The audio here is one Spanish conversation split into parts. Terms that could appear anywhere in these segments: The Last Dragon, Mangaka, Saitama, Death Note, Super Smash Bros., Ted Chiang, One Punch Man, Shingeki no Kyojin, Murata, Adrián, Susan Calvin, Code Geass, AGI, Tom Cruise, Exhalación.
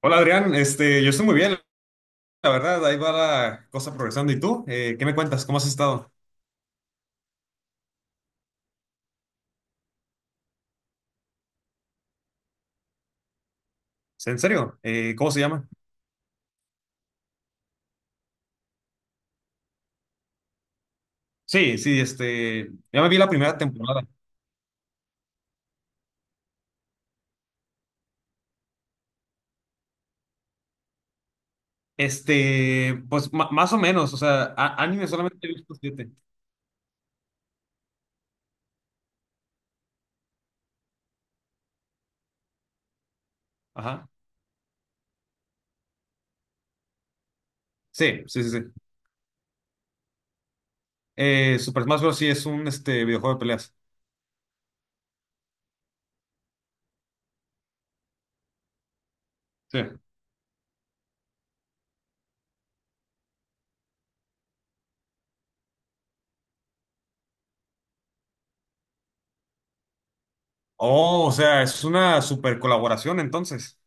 Hola Adrián, yo estoy muy bien, la verdad, ahí va la cosa progresando. ¿Y tú? ¿Qué me cuentas? ¿Cómo has estado? ¿En serio? ¿Cómo se llama? Sí, sí, ya me vi la primera temporada. Pues más o menos, o sea, anime solamente he visto siete. Ajá. Sí, sí, sí, sí. Super Smash Bros. Sí es un videojuego de peleas. Sí. Oh, o sea, es una super colaboración entonces.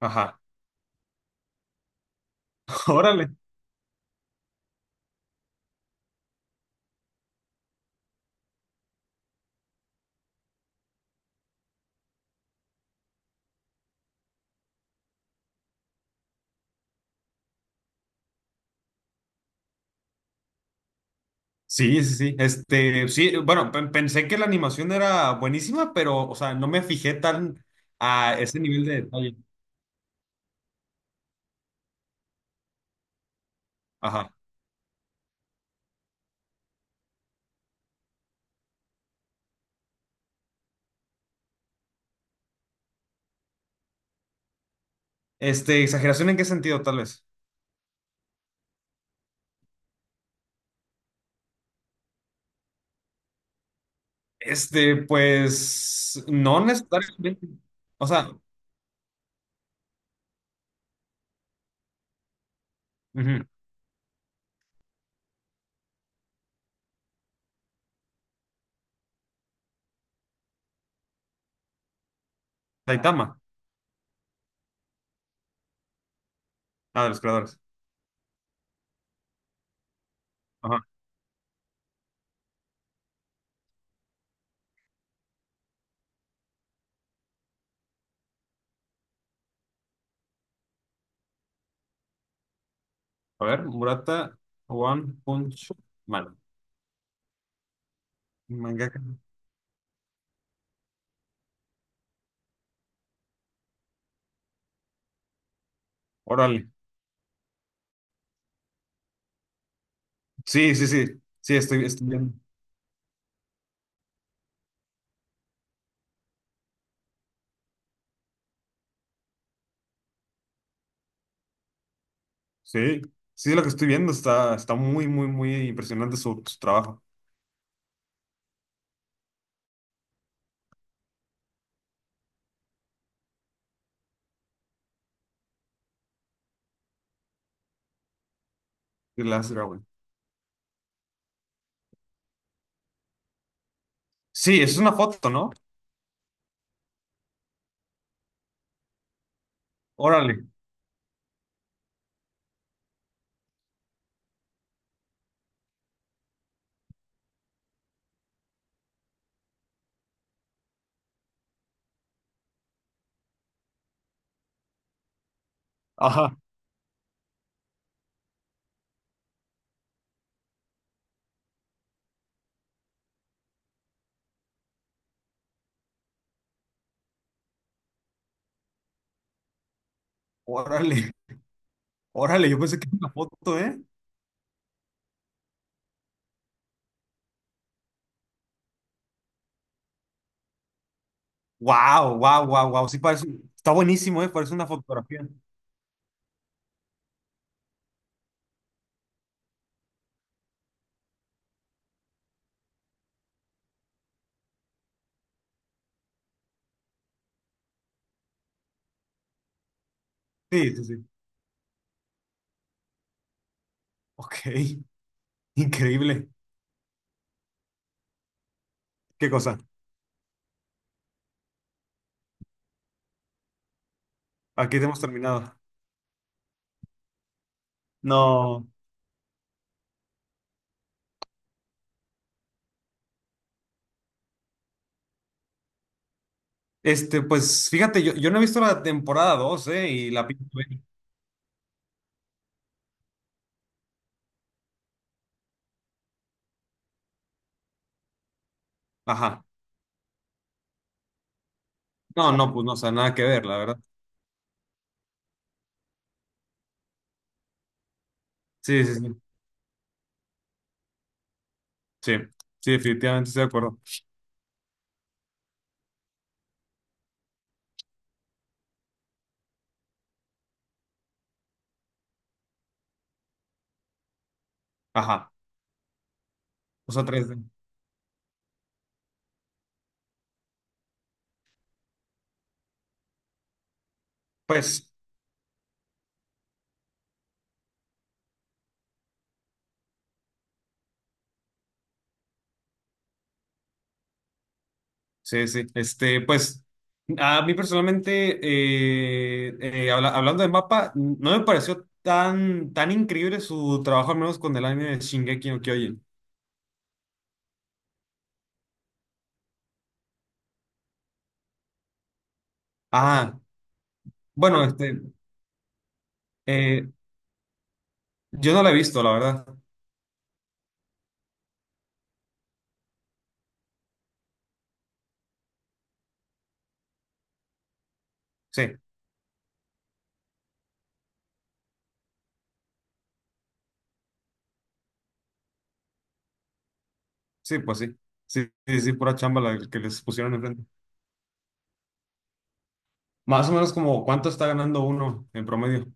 Ajá. Órale. Sí, sí, sí. Sí, bueno, pensé que la animación era buenísima, pero, o sea, no me fijé tan a ese nivel de detalle. Ajá. ¿Exageración en qué sentido, tal vez? Pues, no necesariamente. O sea, ujú, Saitama. Ah, de los creadores. Ajá. A ver, Murata One Punch Man. Mangaka. Órale. Sí, sí, sí. Sí, estoy viendo. Sí. Sí, lo que estoy viendo está muy, muy, muy impresionante su trabajo. The Last Dragon. Sí, es una foto, ¿no? Órale. Ajá. Órale, órale, yo pensé que era una foto, ¿eh? Wow, wow, wow, wow, sí parece, está buenísimo, ¿eh? Parece una fotografía. Sí, sí, sí. Ok, increíble. Qué cosa. Aquí hemos terminado. No, pues fíjate, yo no he visto la temporada 2, ¿eh? Y la pienso ver. Ajá. No, no, pues no, o sea, nada que ver, la verdad. Sí, sí, sí. Sí, sí, definitivamente estoy de acuerdo. Ajá. O sea, tres. D Pues. Sí, sí. Pues, a mí personalmente, hablando de mapa, no me pareció tan, tan increíble su trabajo, al menos con el anime de Shingeki no Kyojin. Ah, bueno, Ah, eh, yo no la he visto, la verdad. Sí, sí, pues sí. Sí, sí, sí, pura chamba la que les pusieron enfrente. Más o menos como cuánto está ganando uno en promedio.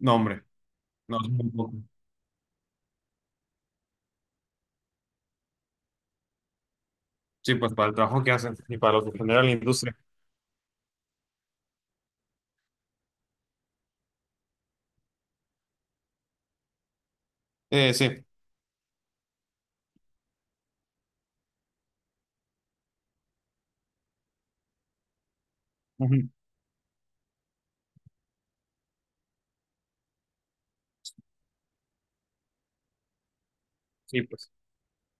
No, hombre, no, es muy poco. Sí, pues para el trabajo que hacen y para lo que genera la industria. Sí. Ujú. Sí, pues.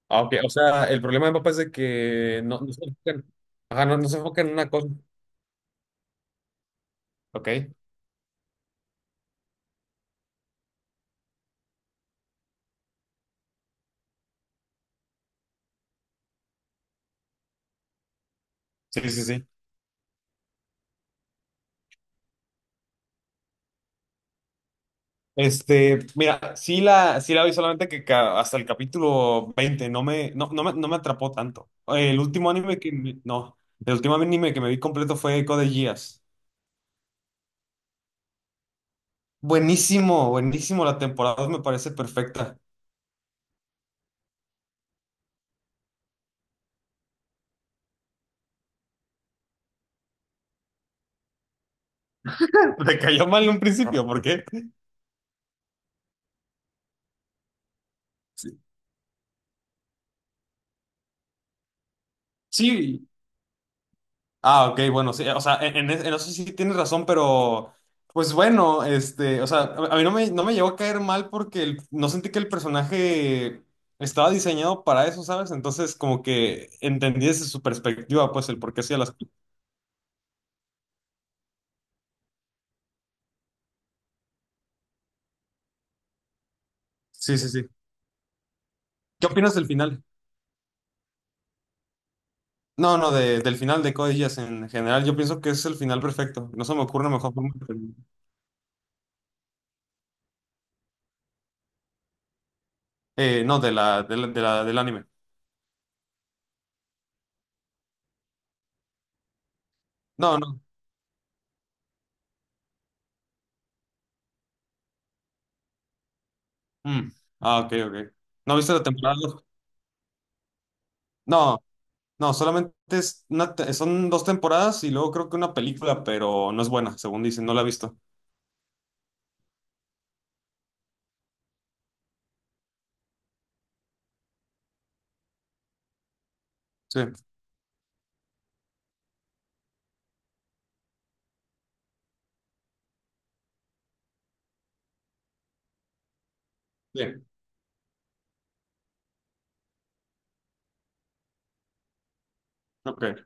Ah, ok. O sea, el problema de papá es de que no se enfocan, ajá, no se enfocan en una cosa. Ok. Sí, sí, sí. Mira, sí la vi solamente que hasta el capítulo 20, no me atrapó tanto. El último anime que no, el último anime que me vi completo fue Code Geass. Buenísimo, buenísimo. La temporada dos me parece perfecta. Me cayó mal en un principio, ¿por qué? Sí, Ah, ok, bueno, sí, o sea, en, en eso sí tienes razón, pero pues bueno, o sea, a mí no me llegó a caer mal porque no sentí que el personaje estaba diseñado para eso, ¿sabes? Entonces, como que entendí desde su perspectiva, pues, el por qué hacía las cosas. Sí, sí, sí. ¿Qué opinas del final? No, no, del final de Code Geass en general, yo pienso que es el final perfecto. No se me ocurre una mejor forma de terminar. No, de la, del anime. No, no. Mm. Ah, ok, ok. ¿No viste la temporada dos? No. No, solamente es una son dos temporadas y luego creo que una película, pero no es buena, según dicen, no la he visto. Sí. Sí. Ok.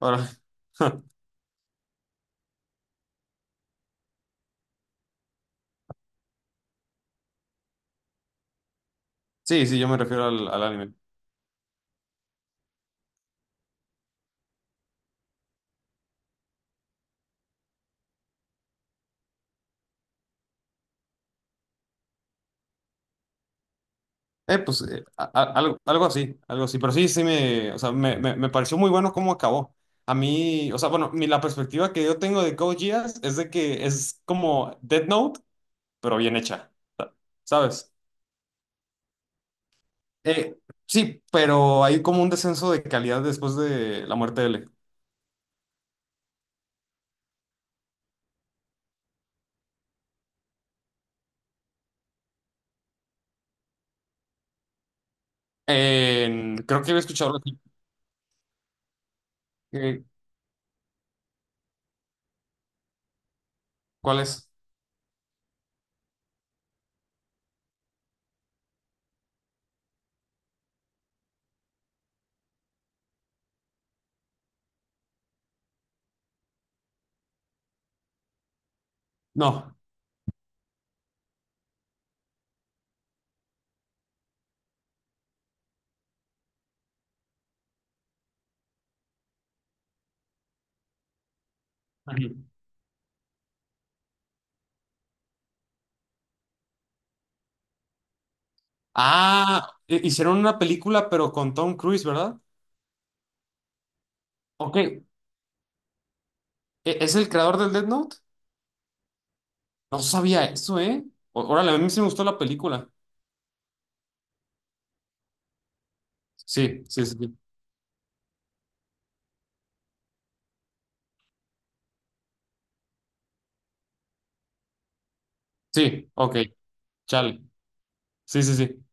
Ahora. Sí, sí, yo me refiero al, al anime. Pues algo, algo así. Pero sí, o sea, me pareció muy bueno cómo acabó. A mí, o sea, bueno, la perspectiva que yo tengo de Code Geass es de que es como Death Note, pero bien hecha, ¿sabes? Eh, sí, pero hay como un descenso de calidad después de la muerte de L. Creo que había escuchado algo así. Eh, ¿Cuál es? No. Ujú. Ah, hicieron una película, pero con Tom Cruise, ¿verdad? Ok. ¿Es el creador del Death Note? No sabía eso, ¿eh? Órale, a mí sí me gustó la película. Sí, sí, sí. Sí, sí, ok. Chale. Sí, sí, sí.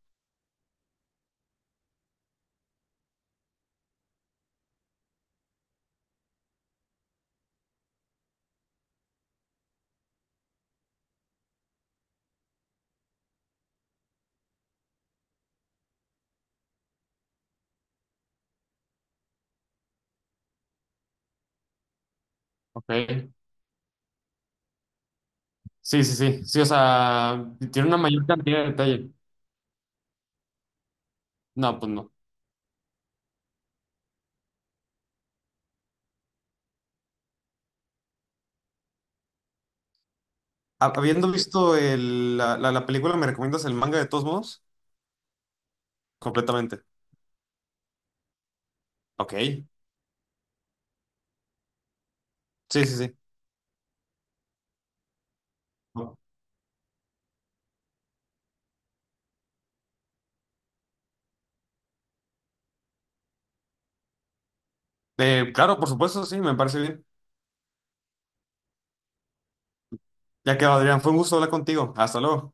Ok. Sí, sí, sí. Sí, o sea, tiene una mayor cantidad de detalle. No, pues no. Habiendo visto la película, ¿me recomiendas el manga de todos modos? Completamente. Ok. Sí, sí, sí. Claro, por supuesto, sí, me parece bien. Ya que Adrián, fue un gusto hablar contigo. Hasta luego.